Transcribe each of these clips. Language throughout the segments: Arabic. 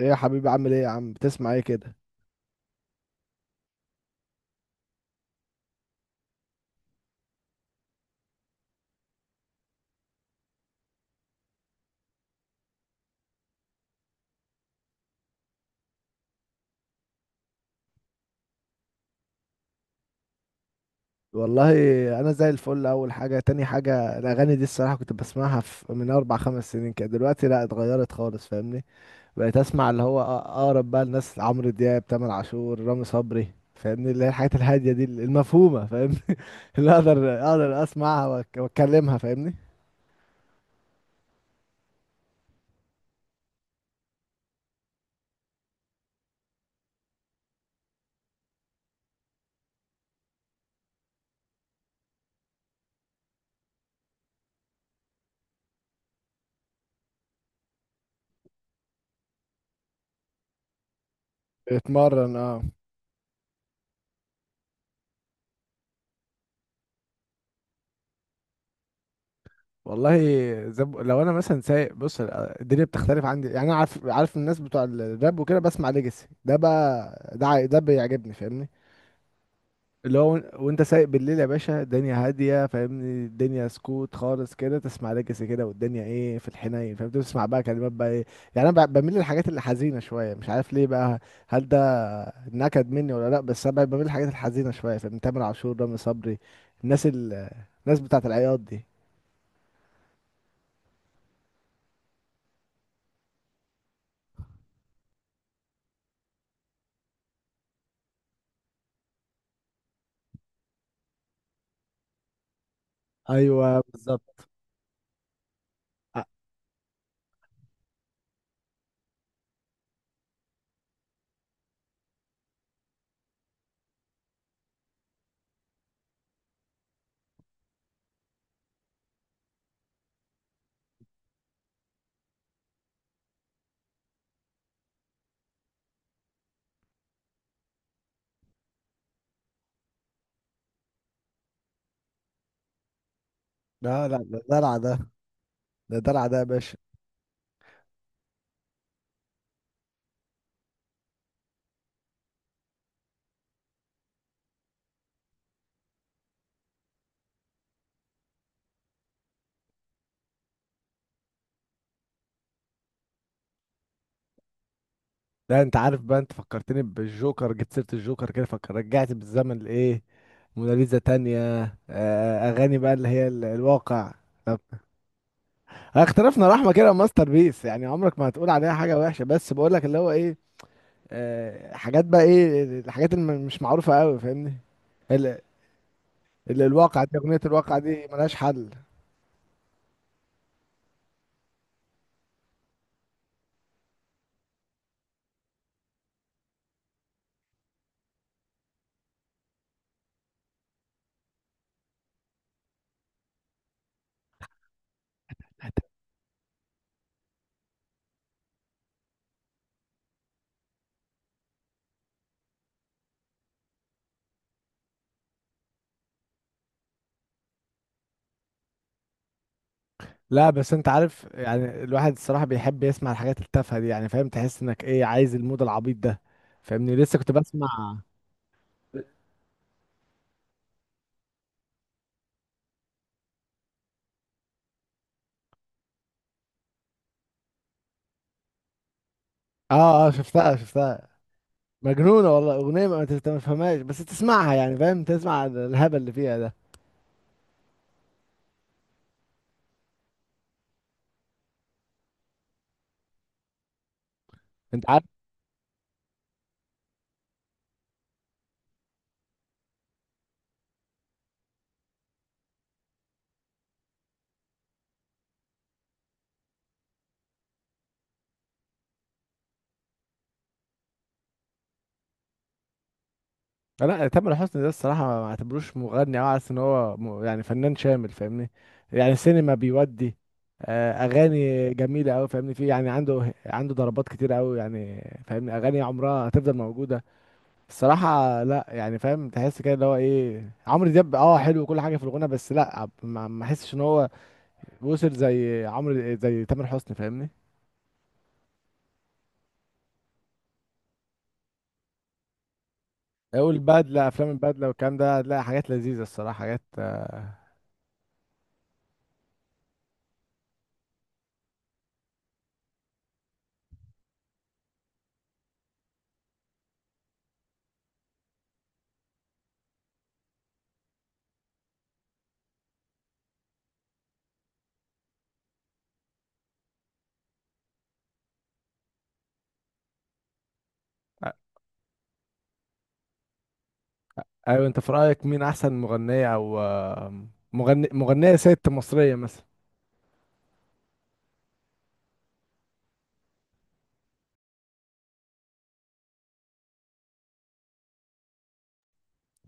ايه يا حبيبي، عامل ايه يا عم؟ بتسمع ايه كده؟ والله انا زي الفل. اول حاجه، تاني حاجه، الاغاني دي الصراحه كنت بسمعها في من اربع خمس سنين كده. دلوقتي لا، اتغيرت خالص، فاهمني. بقيت اسمع اللي هو اقرب بقى الناس: عمرو دياب، تامر عاشور، رامي صبري، فاهمني. اللي هي الحاجات الهاديه دي المفهومه، فاهمني. اللي اقدر اسمعها واتكلمها، فاهمني. اتمرن، اه. والله، لو انا مثلا سايق، بص، الدنيا بتختلف عندي. يعني انا عارف الناس بتوع الراب وكده، بسمع ليجاسي ده بقى، ده بيعجبني، فاهمني. اللي هو، وانت سايق بالليل يا باشا الدنيا هاديه، فاهمني. الدنيا سكوت خالص كده، تسمع ليجاسي كده، والدنيا ايه في الحنين، فاهم؟ تسمع بقى كلمات بقى ايه. يعني انا بميل للحاجات اللي حزينه شويه، مش عارف ليه بقى. هل ده نكد مني ولا لا؟ بس انا بميل للحاجات الحزينه شويه، فاهم؟ تامر عاشور، رامي صبري، الناس ال... الناس بتاعت العياط دي. ايوه، بالظبط. لا لا، ده دلع ده، ده دلع ده يا باشا. لا، انت عارف بقى، انت فكرتني بالجوكر، جبت سيرة الجوكر كده، فكر رجعت بالزمن لايه، موناليزا تانية. اغاني بقى اللي هي الواقع. طب، اختلفنا رحمة كده ماستر بيس، يعني عمرك ما هتقول عليها حاجة وحشة، بس بقول لك اللي هو ايه، حاجات بقى، ايه الحاجات اللي مش معروفة قوي، فاهمني. ال- الواقع دي، اغنية الواقع دي ملهاش حل. لا، بس انت عارف يعني، الواحد الصراحة بيحب يسمع الحاجات التافهة دي، يعني فاهم؟ تحس انك ايه، عايز المود العبيط ده، فاهمني، لسه كنت بسمع. اه، اه، شفتها شفتها، مجنونة والله، اغنية ما انت ما تفهمهاش بس تسمعها، يعني فاهم؟ تسمع الهبل اللي فيها ده. انت عارف، لا تامر حسني ده الصراحة، ما اعتبروش مغني، او عارف ان هو يعني فنان شامل، فاهمني. يعني سينما بيودي، اغاني جميلة اوي، فاهمني، في يعني عنده ضربات كتير اوي يعني. فاهمني، اغاني عمرها هتفضل موجودة. الصراحة لا، يعني فاهم؟ تحس كده اللي هو ايه، عمرو دياب اه حلو وكل حاجة في الغنى، بس لا، ما احسش ان هو وصل زي عمرو زي تامر حسني، فاهمني. والبدلة، افلام البدلة والكلام ده، هتلاقي حاجات لذيذة الصراحة، حاجات. ايوه، انت في رأيك مين احسن مغنية او مغني، مغنية ست مصرية مثلا؟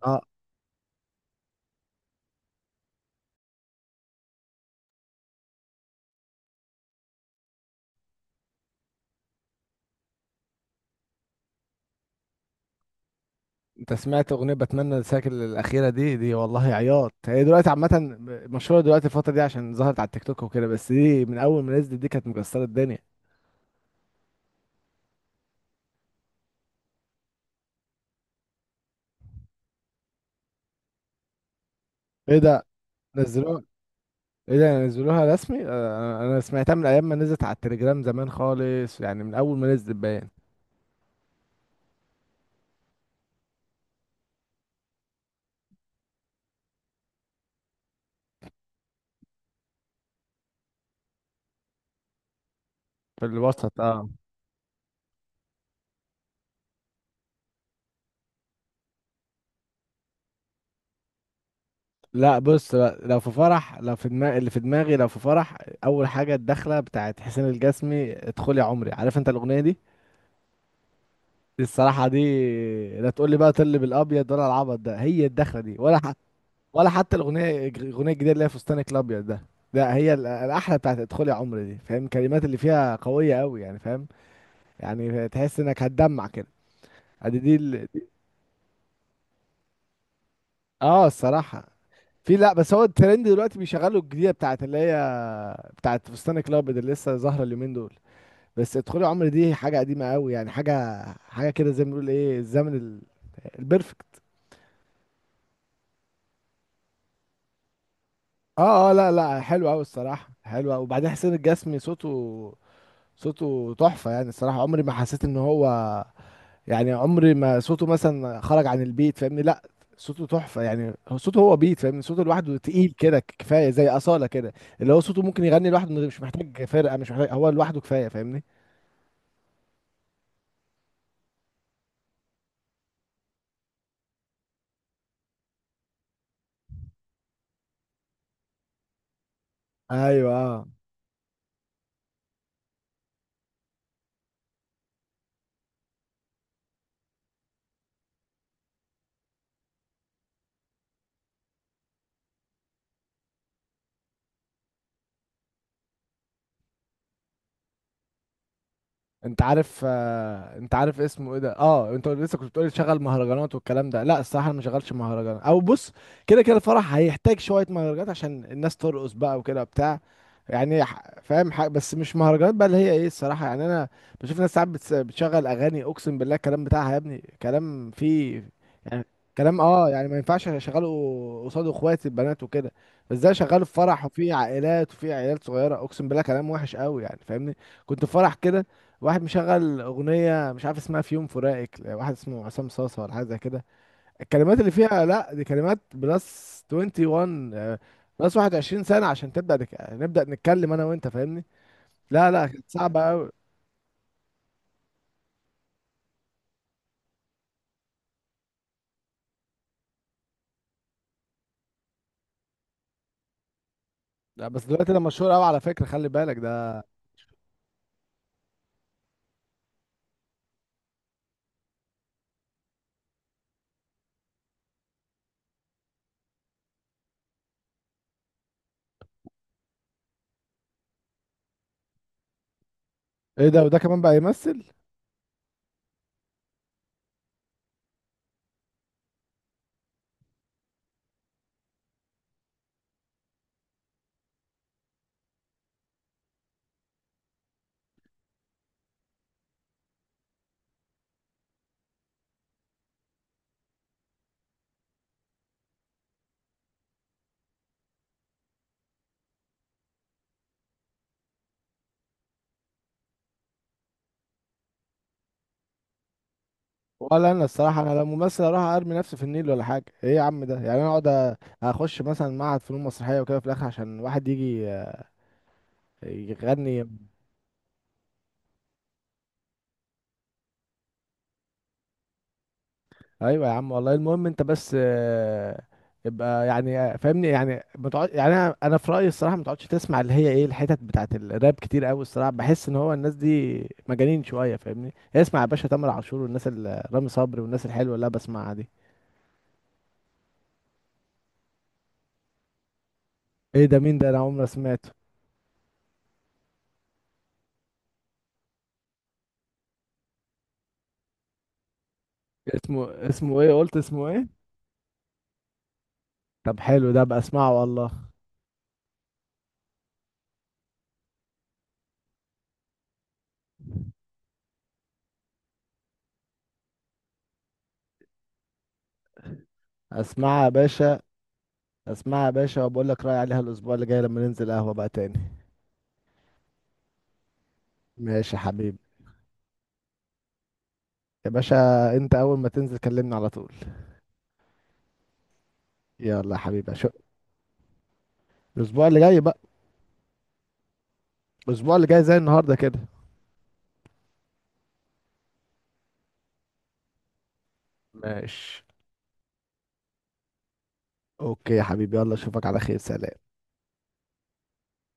اه، انت سمعت اغنية بتمنى انساك الاخيرة دي؟ دي والله عياط. هي دلوقتي عامة، مشهورة دلوقتي الفترة دي عشان ظهرت على التيك توك وكده، بس دي من اول ما نزلت دي كانت مكسرة الدنيا. ايه ده، نزلوها؟ ايه ده، نزلوها رسمي؟ انا سمعتها من ايام ما نزلت على التليجرام زمان خالص، يعني من اول ما نزلت باين. في الوسط، اه. لا بص بقى، لو في فرح، لو في دماغ اللي في دماغي لو في فرح، اول حاجه الدخله بتاعت حسين الجسمي، ادخل يا عمري، عارف انت الاغنيه دي؟ دي الصراحه دي، لا تقول لي بقى طل بالابيض، ولا العبط ده هي الدخله دي؟ ولا حتى الاغنيه الجديده اللي هي فستانك الابيض ده. لا، هي الاحلى بتاعت ادخل يا عمري دي، فاهم؟ الكلمات اللي فيها قويه قوي يعني، فاهم؟ يعني تحس انك هتدمع كده. ادي دي ال... اه، الصراحه، في، لا، بس هو الترند دلوقتي بيشغلوا الجديده بتاعت اللي هي بتاعت فستان الابيض اللي لسه ظاهره اليومين دول. بس ادخلي عمر دي حاجه قديمه قوي يعني، حاجه حاجه كده زي ما بنقول، ايه، الزمن البرفكت. اه، اه، لا لا، حلو قوي الصراحه، حلو قوي. وبعدين حسين الجسمي، صوته، صوته تحفه يعني الصراحه، عمري ما حسيت ان هو، يعني عمري ما صوته مثلا خرج عن البيت، فاهمني، لا، صوته تحفة يعني، هو صوته هو بيت، فاهمني، صوته لوحده تقيل كده كفاية، زي أصالة كده. اللي هو صوته ممكن يغني لوحده من مش محتاج فرقة، مش محتاج، هو لوحده كفاية، فاهمني. ايوه، انت عارف، انت عارف اسمه ايه ده؟ اه، انت لسه كنت بتقولي تشغل مهرجانات والكلام ده، لا الصراحه انا ما شغلش مهرجانات، او بص، كده كده الفرح هيحتاج شويه مهرجانات عشان الناس ترقص بقى وكده بتاع. يعني فاهم؟ حاجه بس مش مهرجانات بقى اللي هي ايه، الصراحه يعني انا بشوف ناس ساعات بتشغل اغاني، اقسم بالله الكلام بتاعها يا ابني كلام فيه، يعني كلام، اه، يعني ما ينفعش اشغله قصاد اخواتي البنات وكده. بس ده شغاله في فرح وفي عائلات وفي عيال صغيره، اقسم بالله كلام وحش قوي يعني، فاهمني. كنت في فرح كده، واحد مشغل اغنيه مش عارف اسمها، في يوم فراقك، واحد اسمه عصام صاصه ولا حاجه زي كده. الكلمات اللي فيها، لا دي كلمات بلس 21، بلس 21 سنه عشان تبدا نبدا نتكلم انا وانت، فاهمني. لا لا، كانت صعبه قوي. لا، بس دلوقتي ده مشهور قوي على فكره، خلي بالك ده. ايه ده؟ وده كمان بقى يمثل؟ ولا انا الصراحه، انا لو ممثل اروح ارمي نفسي في النيل، ولا حاجه ايه يا عم ده، يعني انا اقعد اخش مثلا معهد فنون مسرحيه وكده في الاخر عشان واحد يجي يغني؟ ايوه يا عم والله، المهم انت بس، ابقى يعني، فاهمني، يعني ما تقعد، يعني انا في رايي الصراحه ما تقعدش تسمع اللي هي ايه، الحتت بتاعت الراب كتير قوي الصراحه، بحس ان هو الناس دي مجانين شويه، فاهمني، اسمع يا باشا تامر عاشور والناس رامي صبري والناس الحلوه اللي انا بسمعها دي. ايه ده؟ مين ده؟ انا عمري ما سمعته. اسمه، اسمه ايه، قلت اسمه ايه؟ طب حلو ده بقى، اسمعه والله. اسمعها يا باشا، اسمعها يا باشا وبقول لك رايي عليها الاسبوع اللي جاي لما ننزل قهوه بقى تاني. ماشي يا حبيبي. يا باشا انت اول ما تنزل كلمني على طول. يلا يا حبيبي، اشوف الاسبوع اللي جاي بقى، الاسبوع اللي جاي زي النهارده كده، ماشي، اوكي يا حبيبي، يلا اشوفك على خير، سلام.